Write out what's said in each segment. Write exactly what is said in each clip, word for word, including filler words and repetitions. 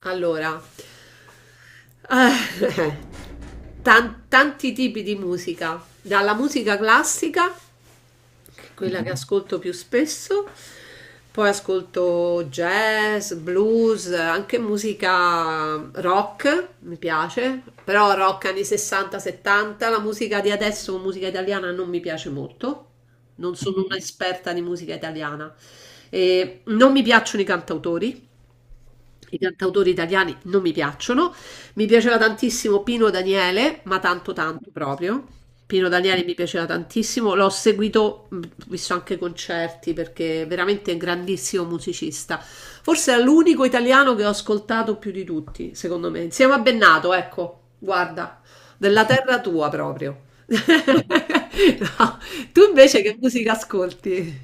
Allora, eh, tan- tanti tipi di musica, dalla musica classica, che è quella che Mhm. ascolto più spesso, poi ascolto jazz, blues, anche musica rock, mi piace, però rock anni sessanta settanta, la musica di adesso, musica italiana, non mi piace molto, non sono un'esperta di musica italiana. E non mi piacciono i cantautori. I cantautori italiani non mi piacciono. Mi piaceva tantissimo Pino Daniele, ma tanto tanto proprio. Pino Daniele mi piaceva tantissimo, l'ho seguito, mh, visto anche concerti perché veramente è un grandissimo musicista. Forse è l'unico italiano che ho ascoltato più di tutti, secondo me. Insieme a Bennato, ecco, guarda, della terra tua proprio. No. Tu invece che musica ascolti?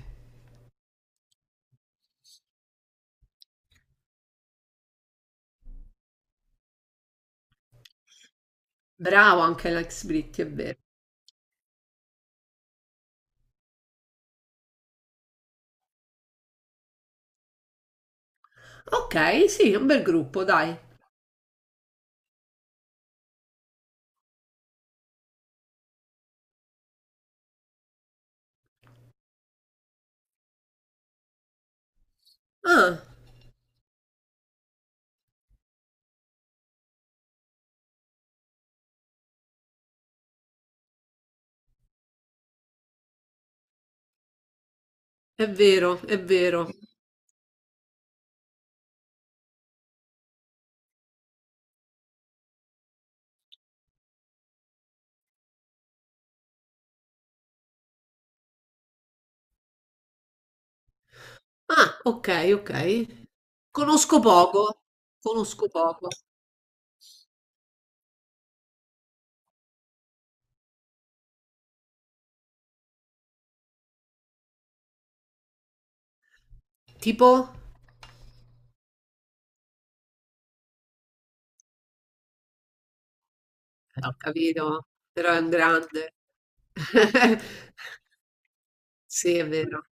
Bravo anche Alex Britti, è vero. Ok, sì, un bel gruppo, dai. Ah, è vero, è vero. Ah, ok, ok. Conosco poco, conosco poco. Tipo? Eh, Ho capito, però è un grande. Sì, è vero.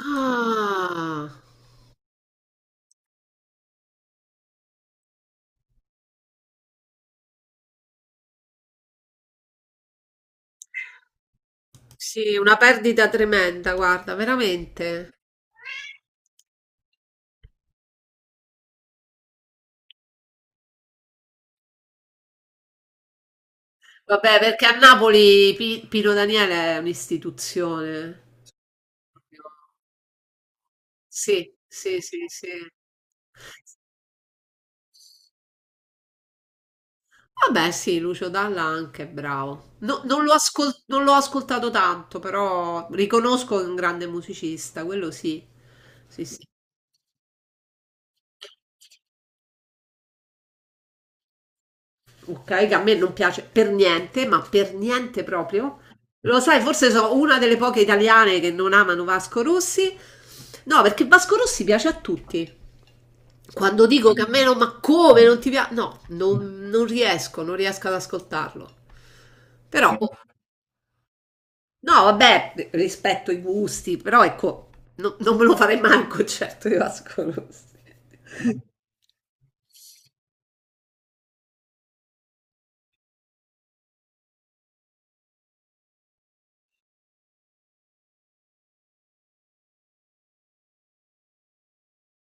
Ah, sì, una perdita tremenda, guarda, veramente. Vabbè, perché a Napoli Pi- Pino Daniele è un'istituzione. Sì, sì, sì, sì. Vabbè, sì, Lucio Dalla anche è bravo. No- non l'ho ascol- non l'ho ascoltato tanto, però riconosco che è un grande musicista, quello sì. Sì, sì. Ok, che a me non piace per niente, ma per niente proprio. Lo sai, forse sono una delle poche italiane che non amano Vasco Rossi. No, perché Vasco Rossi piace a tutti. Quando dico che a me non, ma come non ti piace? No, non, non riesco, non riesco ad ascoltarlo. Però, no, vabbè, rispetto i gusti, però ecco, no- non me lo farei mai un concerto di Vasco Rossi.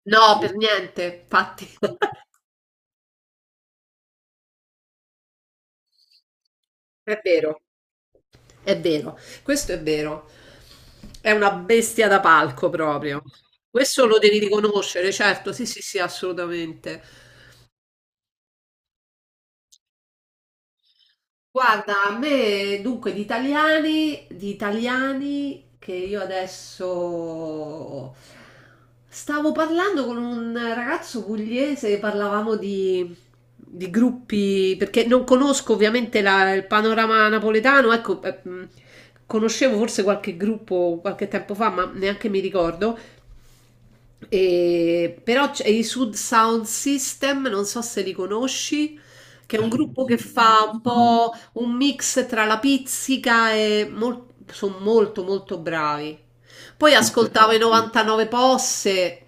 No, per niente, infatti, è vero, è vero, questo è vero. È una bestia da palco proprio. Questo lo devi riconoscere, certo, sì, sì, sì, assolutamente. Guarda, a me dunque di italiani, di italiani che io adesso stavo parlando con un ragazzo pugliese, parlavamo di, di gruppi, perché non conosco ovviamente la- il panorama napoletano, ecco, eh, mh, conoscevo forse qualche gruppo qualche tempo fa, ma neanche mi ricordo. E- però c'è i Sud Sound System, non so se li conosci, che è un gruppo che fa un po' un mix tra la pizzica e sono molto molto bravi. Poi ascoltavo i novantanove Posse,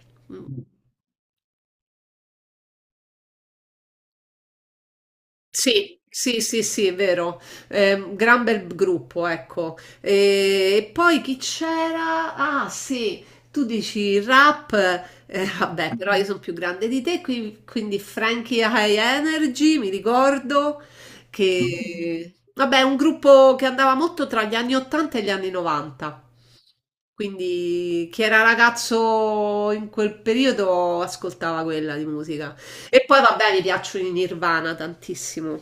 sì, sì, sì, sì, è vero. Ehm, gran bel gruppo, ecco. E, e poi chi c'era? Ah, sì, tu dici rap, eh, vabbè, però io sono più grande di te, qui- quindi Frankie High Energy, mi ricordo che, vabbè, è un gruppo che andava molto tra gli anni ottanta e gli anni novanta. Quindi chi era ragazzo in quel periodo ascoltava quella di musica. E poi vabbè, mi piacciono i Nirvana tantissimo.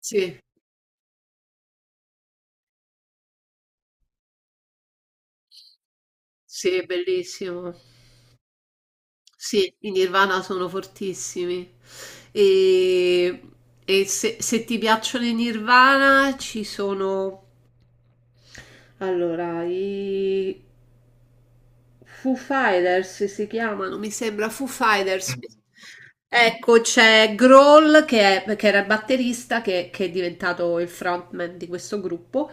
Sì, sì, bellissimo. Sì, i Nirvana sono fortissimi. E, e se, Se ti piacciono i Nirvana ci sono... Allora, i Foo Fighters si chiamano, mi sembra Foo Fighters. Ecco, c'è Grohl che, è- che era il batterista, che, che è diventato il frontman di questo gruppo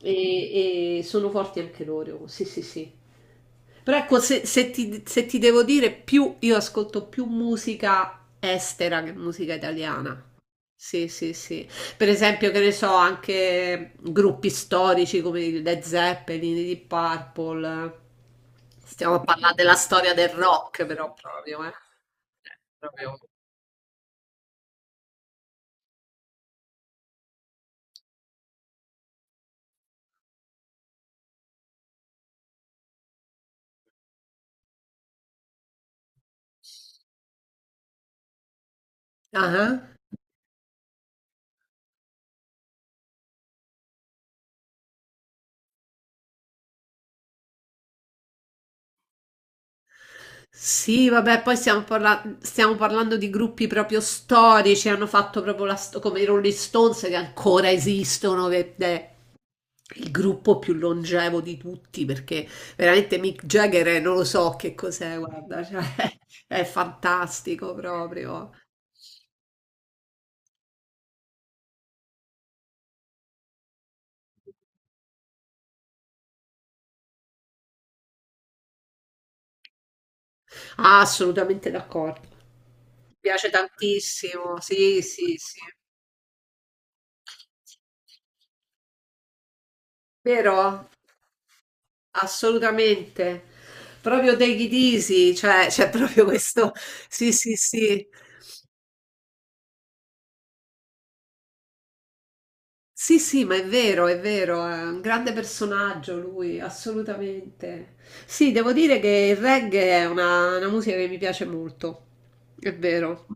e, e sono forti anche loro, sì, sì, sì. Però ecco, se, se ti, se ti devo dire, più io ascolto più musica estera che musica italiana. Sì, sì, sì. Per esempio, che ne so, anche gruppi storici come i Led Zeppelin, i Deep Purple. Stiamo a parlare della storia del rock, però proprio, eh. Eh, proprio. Ah, sì, vabbè, poi stiamo, parla- stiamo parlando di gruppi proprio storici, hanno fatto proprio la sto- come i Rolling Stones che ancora esistono, che è il gruppo più longevo di tutti, perché veramente Mick Jagger è- non lo so che cos'è, guarda, cioè, è fantastico proprio. Ah, assolutamente d'accordo. Mi piace tantissimo, sì, sì, sì. Vero? Assolutamente. Proprio take it easy, cioè c'è proprio questo sì, sì, sì. Sì, sì, ma è vero, è vero, è un grande personaggio lui, assolutamente. Sì, devo dire che il reggae è una, una musica che mi piace molto, è vero,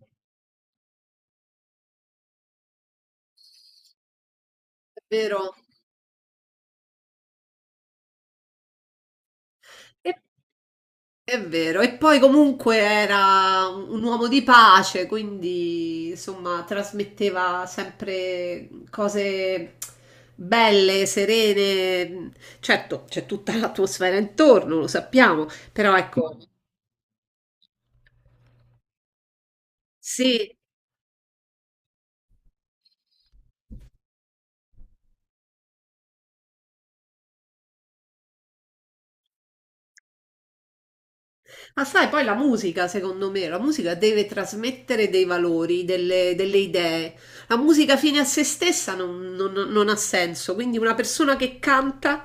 è vero. È vero, e poi comunque era un uomo di pace, quindi insomma trasmetteva sempre cose belle, serene. Certo, c'è tutta l'atmosfera intorno, lo sappiamo, però ecco, sì. Ma sai, poi la musica, secondo me, la musica deve trasmettere dei valori, delle, delle idee. La musica fine a se stessa non non- non ha senso, quindi una persona che canta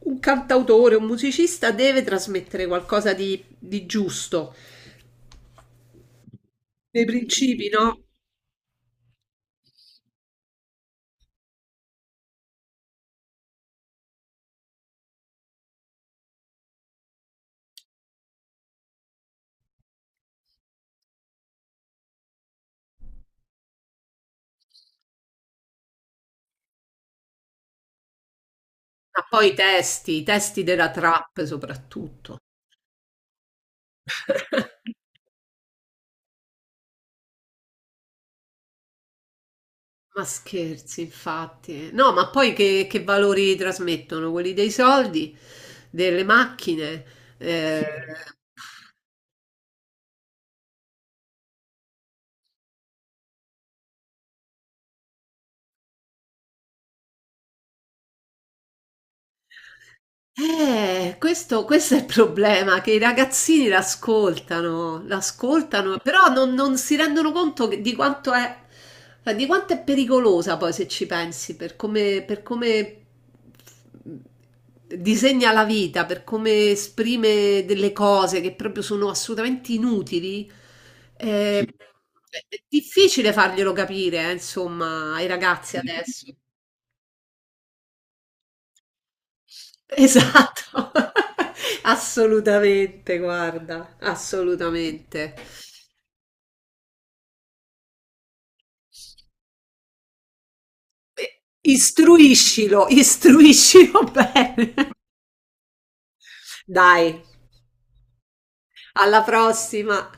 un cantautore, un musicista deve trasmettere qualcosa di, di giusto, dei principi, no? Ma poi i testi, i testi della trap soprattutto. Ma scherzi, infatti. No, ma poi che, che valori trasmettono? Quelli dei soldi, delle macchine. eh, Eh, questo, questo è il problema, che i ragazzini l'ascoltano, l'ascoltano, però non, non si rendono conto che- di quanto è, cioè, di quanto è pericolosa poi se ci pensi, per come, per come disegna la vita, per come esprime delle cose che proprio sono assolutamente inutili. eh, Sì. È è difficile farglielo capire, eh, insomma, ai ragazzi adesso. Esatto, assolutamente, guarda, assolutamente. E istruiscilo, istruiscilo bene. Dai, alla prossima.